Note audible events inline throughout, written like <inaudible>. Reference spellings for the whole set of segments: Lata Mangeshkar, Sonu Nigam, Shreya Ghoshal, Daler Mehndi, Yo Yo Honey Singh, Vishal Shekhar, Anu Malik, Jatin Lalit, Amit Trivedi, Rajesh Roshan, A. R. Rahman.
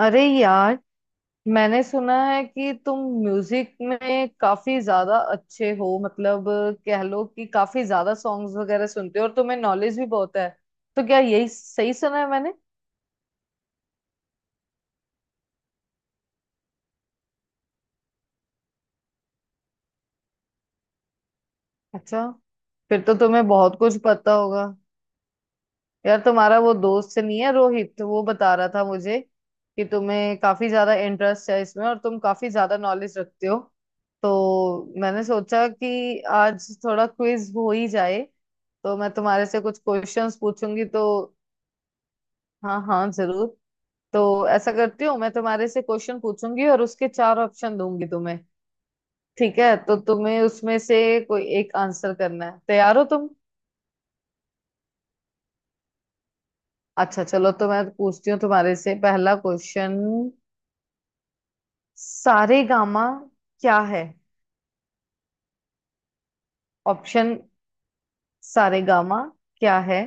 अरे यार, मैंने सुना है कि तुम म्यूजिक में काफी ज्यादा अच्छे हो। मतलब, कह लो कि काफी ज्यादा सॉन्ग्स वगैरह सुनते हो और तुम्हें नॉलेज भी बहुत है। तो क्या यही सही सुना है मैंने? अच्छा। फिर तो तुम्हें बहुत कुछ पता होगा। यार, तुम्हारा वो दोस्त नहीं है रोहित, तो वो बता रहा था मुझे कि तुम्हें काफी ज्यादा इंटरेस्ट है इसमें और तुम काफी ज्यादा नॉलेज रखते हो। तो मैंने सोचा कि आज थोड़ा क्विज हो ही जाए। तो मैं तुम्हारे से कुछ क्वेश्चंस पूछूंगी तो। हाँ हाँ जरूर। तो ऐसा करती हूँ, मैं तुम्हारे से क्वेश्चन पूछूंगी और उसके चार ऑप्शन दूंगी तुम्हें। ठीक है, तो तुम्हें उसमें से कोई एक आंसर करना है। तैयार हो तुम? अच्छा चलो, तो मैं पूछती हूँ तुम्हारे से पहला क्वेश्चन। सारेगामा क्या है? ऑप्शन। सारेगामा क्या है?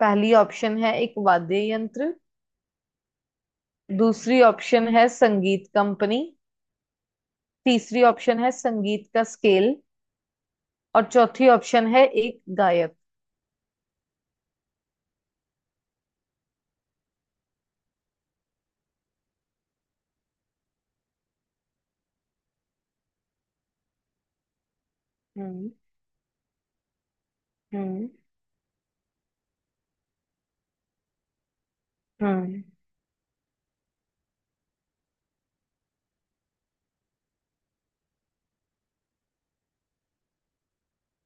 पहली ऑप्शन है एक वाद्य यंत्र। दूसरी ऑप्शन है संगीत कंपनी। तीसरी ऑप्शन है संगीत का स्केल। और चौथी ऑप्शन है एक गायक। हम्म। हम्म। हम्म।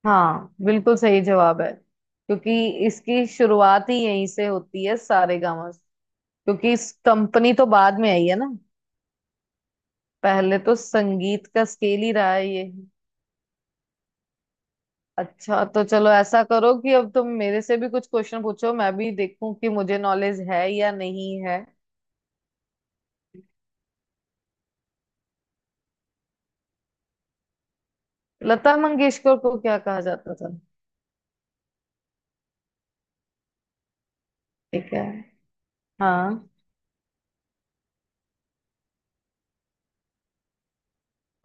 हाँ बिल्कुल सही जवाब है। क्योंकि इसकी शुरुआत ही यहीं से होती है सारेगामा से। क्योंकि इस कंपनी तो बाद में आई है ना। पहले तो संगीत का स्केल ही रहा है ये। अच्छा, तो चलो ऐसा करो कि अब तुम मेरे से भी कुछ क्वेश्चन पूछो, मैं भी देखूं कि मुझे नॉलेज है या नहीं है। लता मंगेशकर को क्या कहा जाता था? ठीक है। हाँ।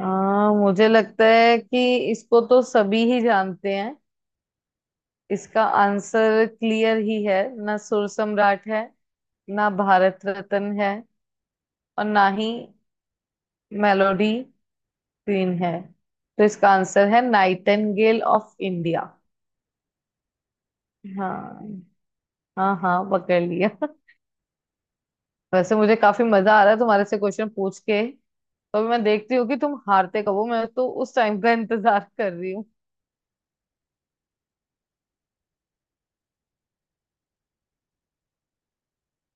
हाँ, मुझे लगता है कि इसको तो सभी ही जानते हैं। इसका आंसर क्लियर ही है। ना सुर सम्राट है, ना भारत रत्न है, और ना ही मेलोडी क्वीन है। तो इसका आंसर है नाइटेंगेल ऑफ इंडिया। हाँ। हाँ हाँ, पकड़ लिया। वैसे मुझे काफी मजा आ रहा है तुम्हारे से क्वेश्चन पूछ के। तो अभी मैं देखती हूँ कि तुम हारते कब हो। मैं तो उस टाइम का इंतजार <laughs> कर रही हूँ।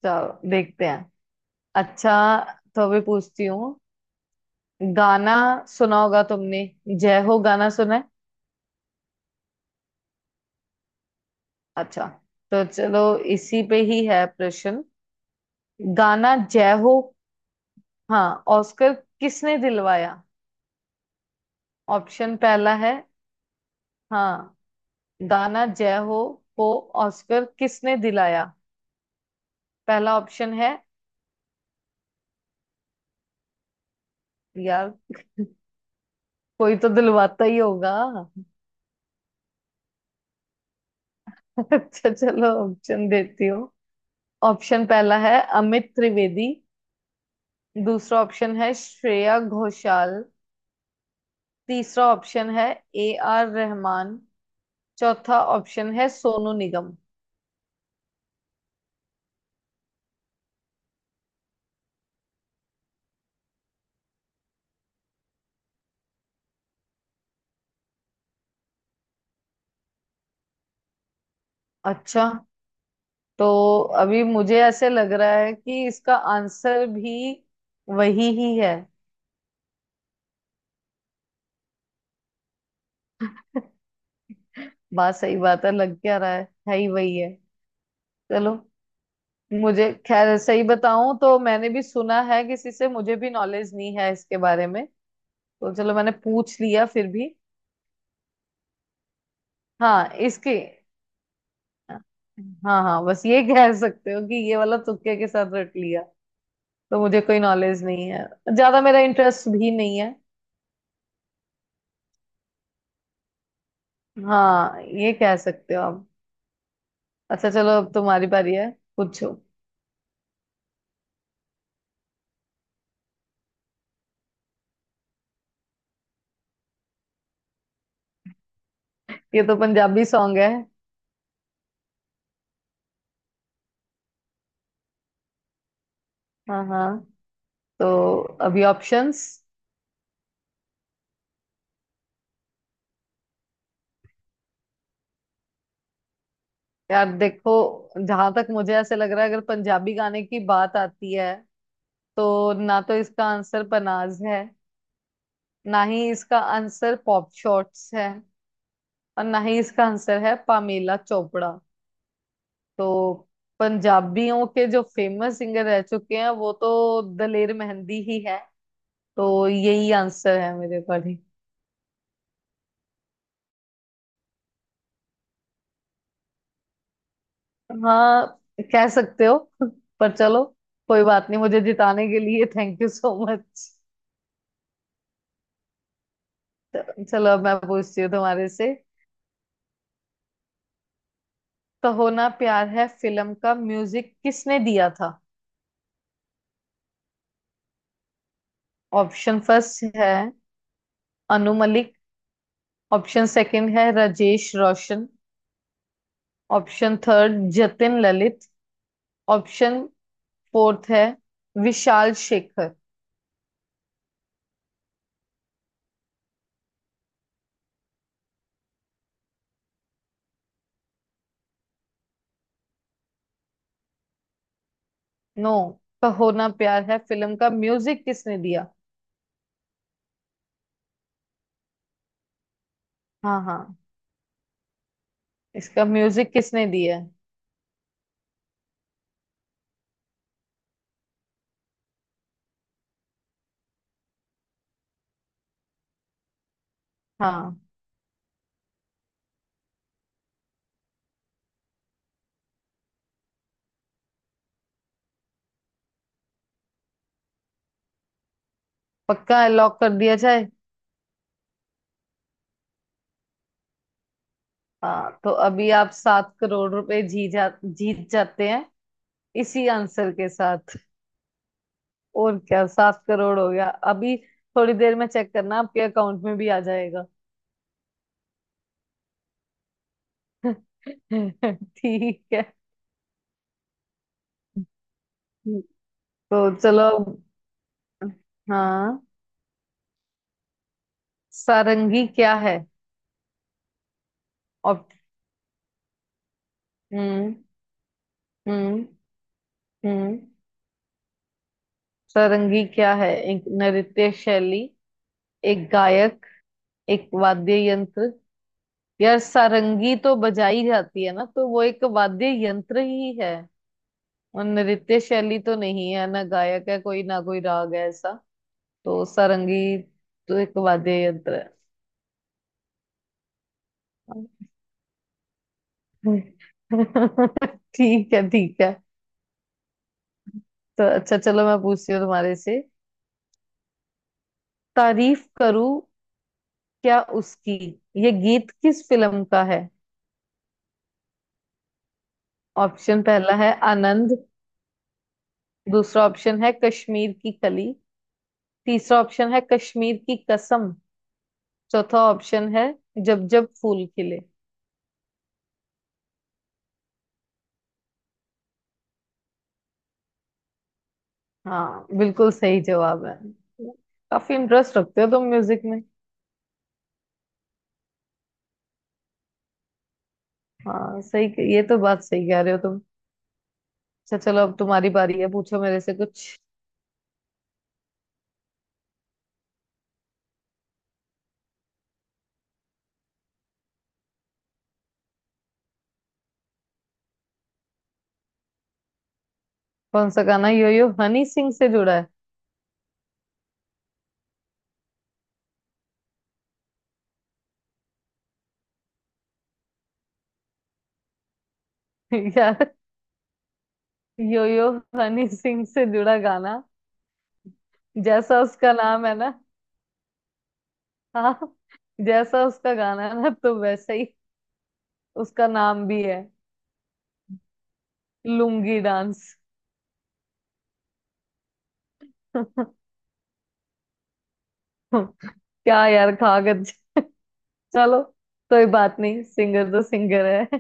चलो देखते हैं। अच्छा, तो अभी पूछती हूँ। गाना सुना होगा तुमने? जय हो गाना सुना है? अच्छा, तो चलो, इसी पे ही है प्रश्न। गाना जय हो। हाँ, ऑस्कर किसने दिलवाया? ऑप्शन पहला है। हाँ। गाना जय हो को ऑस्कर किसने दिलाया? पहला ऑप्शन है। यार, <laughs> कोई तो दिलवाता ही होगा। <laughs> अच्छा चलो, ऑप्शन देती हूँ। ऑप्शन पहला है अमित त्रिवेदी। दूसरा ऑप्शन है श्रेया घोषाल। तीसरा ऑप्शन है ए आर रहमान। चौथा ऑप्शन है सोनू निगम। अच्छा, तो अभी मुझे ऐसे लग रहा है कि इसका आंसर भी वही ही है। बात सही, बात है, लग क्या रहा है ही वही है। चलो। मुझे खैर सही बताऊं तो, मैंने भी सुना है किसी से, मुझे भी नॉलेज नहीं है इसके बारे में। तो चलो, मैंने पूछ लिया फिर भी। हाँ इसके हाँ हाँ, बस ये कह सकते हो कि ये वाला तुक्के के साथ रट लिया, तो मुझे कोई नॉलेज नहीं है ज्यादा, मेरा इंटरेस्ट भी नहीं है। हाँ, ये कह सकते हो आप। अच्छा चलो, अब तुम्हारी बारी है। पूछो। ये तो पंजाबी सॉन्ग है। हाँ हाँ। तो अभी ऑप्शंस। यार देखो, जहां तक मुझे ऐसे लग रहा है, अगर पंजाबी गाने की बात आती है तो ना तो इसका आंसर पनाज है, ना ही इसका आंसर पॉप शॉट्स है, और ना ही इसका आंसर है पामेला चोपड़ा। तो पंजाबियों के जो फेमस सिंगर रह चुके हैं वो तो दलेर मेहंदी ही है। तो यही आंसर है मेरे अकॉर्डिंग। हाँ, कह सकते हो। <laughs> पर चलो, कोई बात नहीं। मुझे जिताने के लिए थैंक यू सो मच। चलो, अब मैं पूछती हूँ तुम्हारे से। कहो ना प्यार है फिल्म का म्यूजिक किसने दिया था? ऑप्शन फर्स्ट है अनु मलिक। ऑप्शन सेकंड है Rajesh Roshan. Option third Jatin Lalit. Option fourth है विशाल शेखर। नो। कहो ना प्यार है फिल्म का म्यूजिक किसने दिया? हाँ हाँ। इसका म्यूजिक किसने दिया है? हाँ। पक्का लॉक कर दिया जाए? हाँ, तो अभी आप 7 करोड़ रुपए जी जा जीत जाते हैं इसी आंसर के साथ। और क्या, 7 करोड़ हो गया अभी। थोड़ी देर में चेक करना, आपके अकाउंट में भी आ जाएगा। <laughs> ठीक है। तो चलो। हाँ। सारंगी क्या है? ऑप हम्म। हम्म। हम्म। सारंगी क्या है? एक नृत्य शैली, एक गायक, एक वाद्य यंत्र। यार सारंगी तो बजाई जाती है ना, तो वो एक वाद्य यंत्र ही है। और नृत्य शैली तो नहीं है ना, गायक है कोई, ना कोई राग है ऐसा। तो सारंगी तो एक वाद्य यंत्र है। <laughs> ठीक है ठीक है। तो अच्छा चलो, मैं पूछती हूँ तुम्हारे से। तारीफ करूं क्या उसकी, ये गीत किस फिल्म का है? ऑप्शन पहला है आनंद। दूसरा ऑप्शन है कश्मीर की कली। तीसरा ऑप्शन है कश्मीर की कसम। चौथा ऑप्शन है जब जब फूल खिले। हाँ बिल्कुल सही जवाब है। काफी इंटरेस्ट रखते हो तुम म्यूजिक में। हाँ सही। ये तो बात सही कह रहे हो। अच्छा चलो, अब तुम्हारी बारी है। पूछो मेरे से कुछ। कौन सा गाना यो यो हनी सिंह से जुड़ा है? <laughs> यार। यो यो हनी सिंह से जुड़ा गाना, जैसा उसका नाम है ना, हाँ, जैसा उसका गाना है ना तो वैसा ही उसका नाम भी है, लुंगी डांस। <laughs> क्या यार, कागज। चलो कोई बात नहीं, सिंगर तो सिंगर है।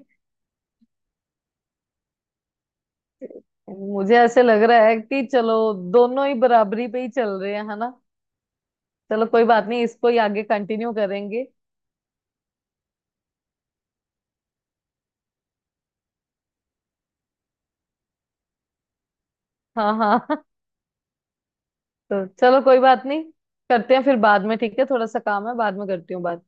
मुझे ऐसे लग रहा है कि चलो, दोनों ही बराबरी पे ही चल रहे हैं, है ना? चलो कोई बात नहीं, इसको ही आगे कंटिन्यू करेंगे। हाँ हाँ। <laughs> तो चलो, कोई बात नहीं। करते हैं फिर बाद में। ठीक है, थोड़ा सा काम है, बाद में करती हूँ बात।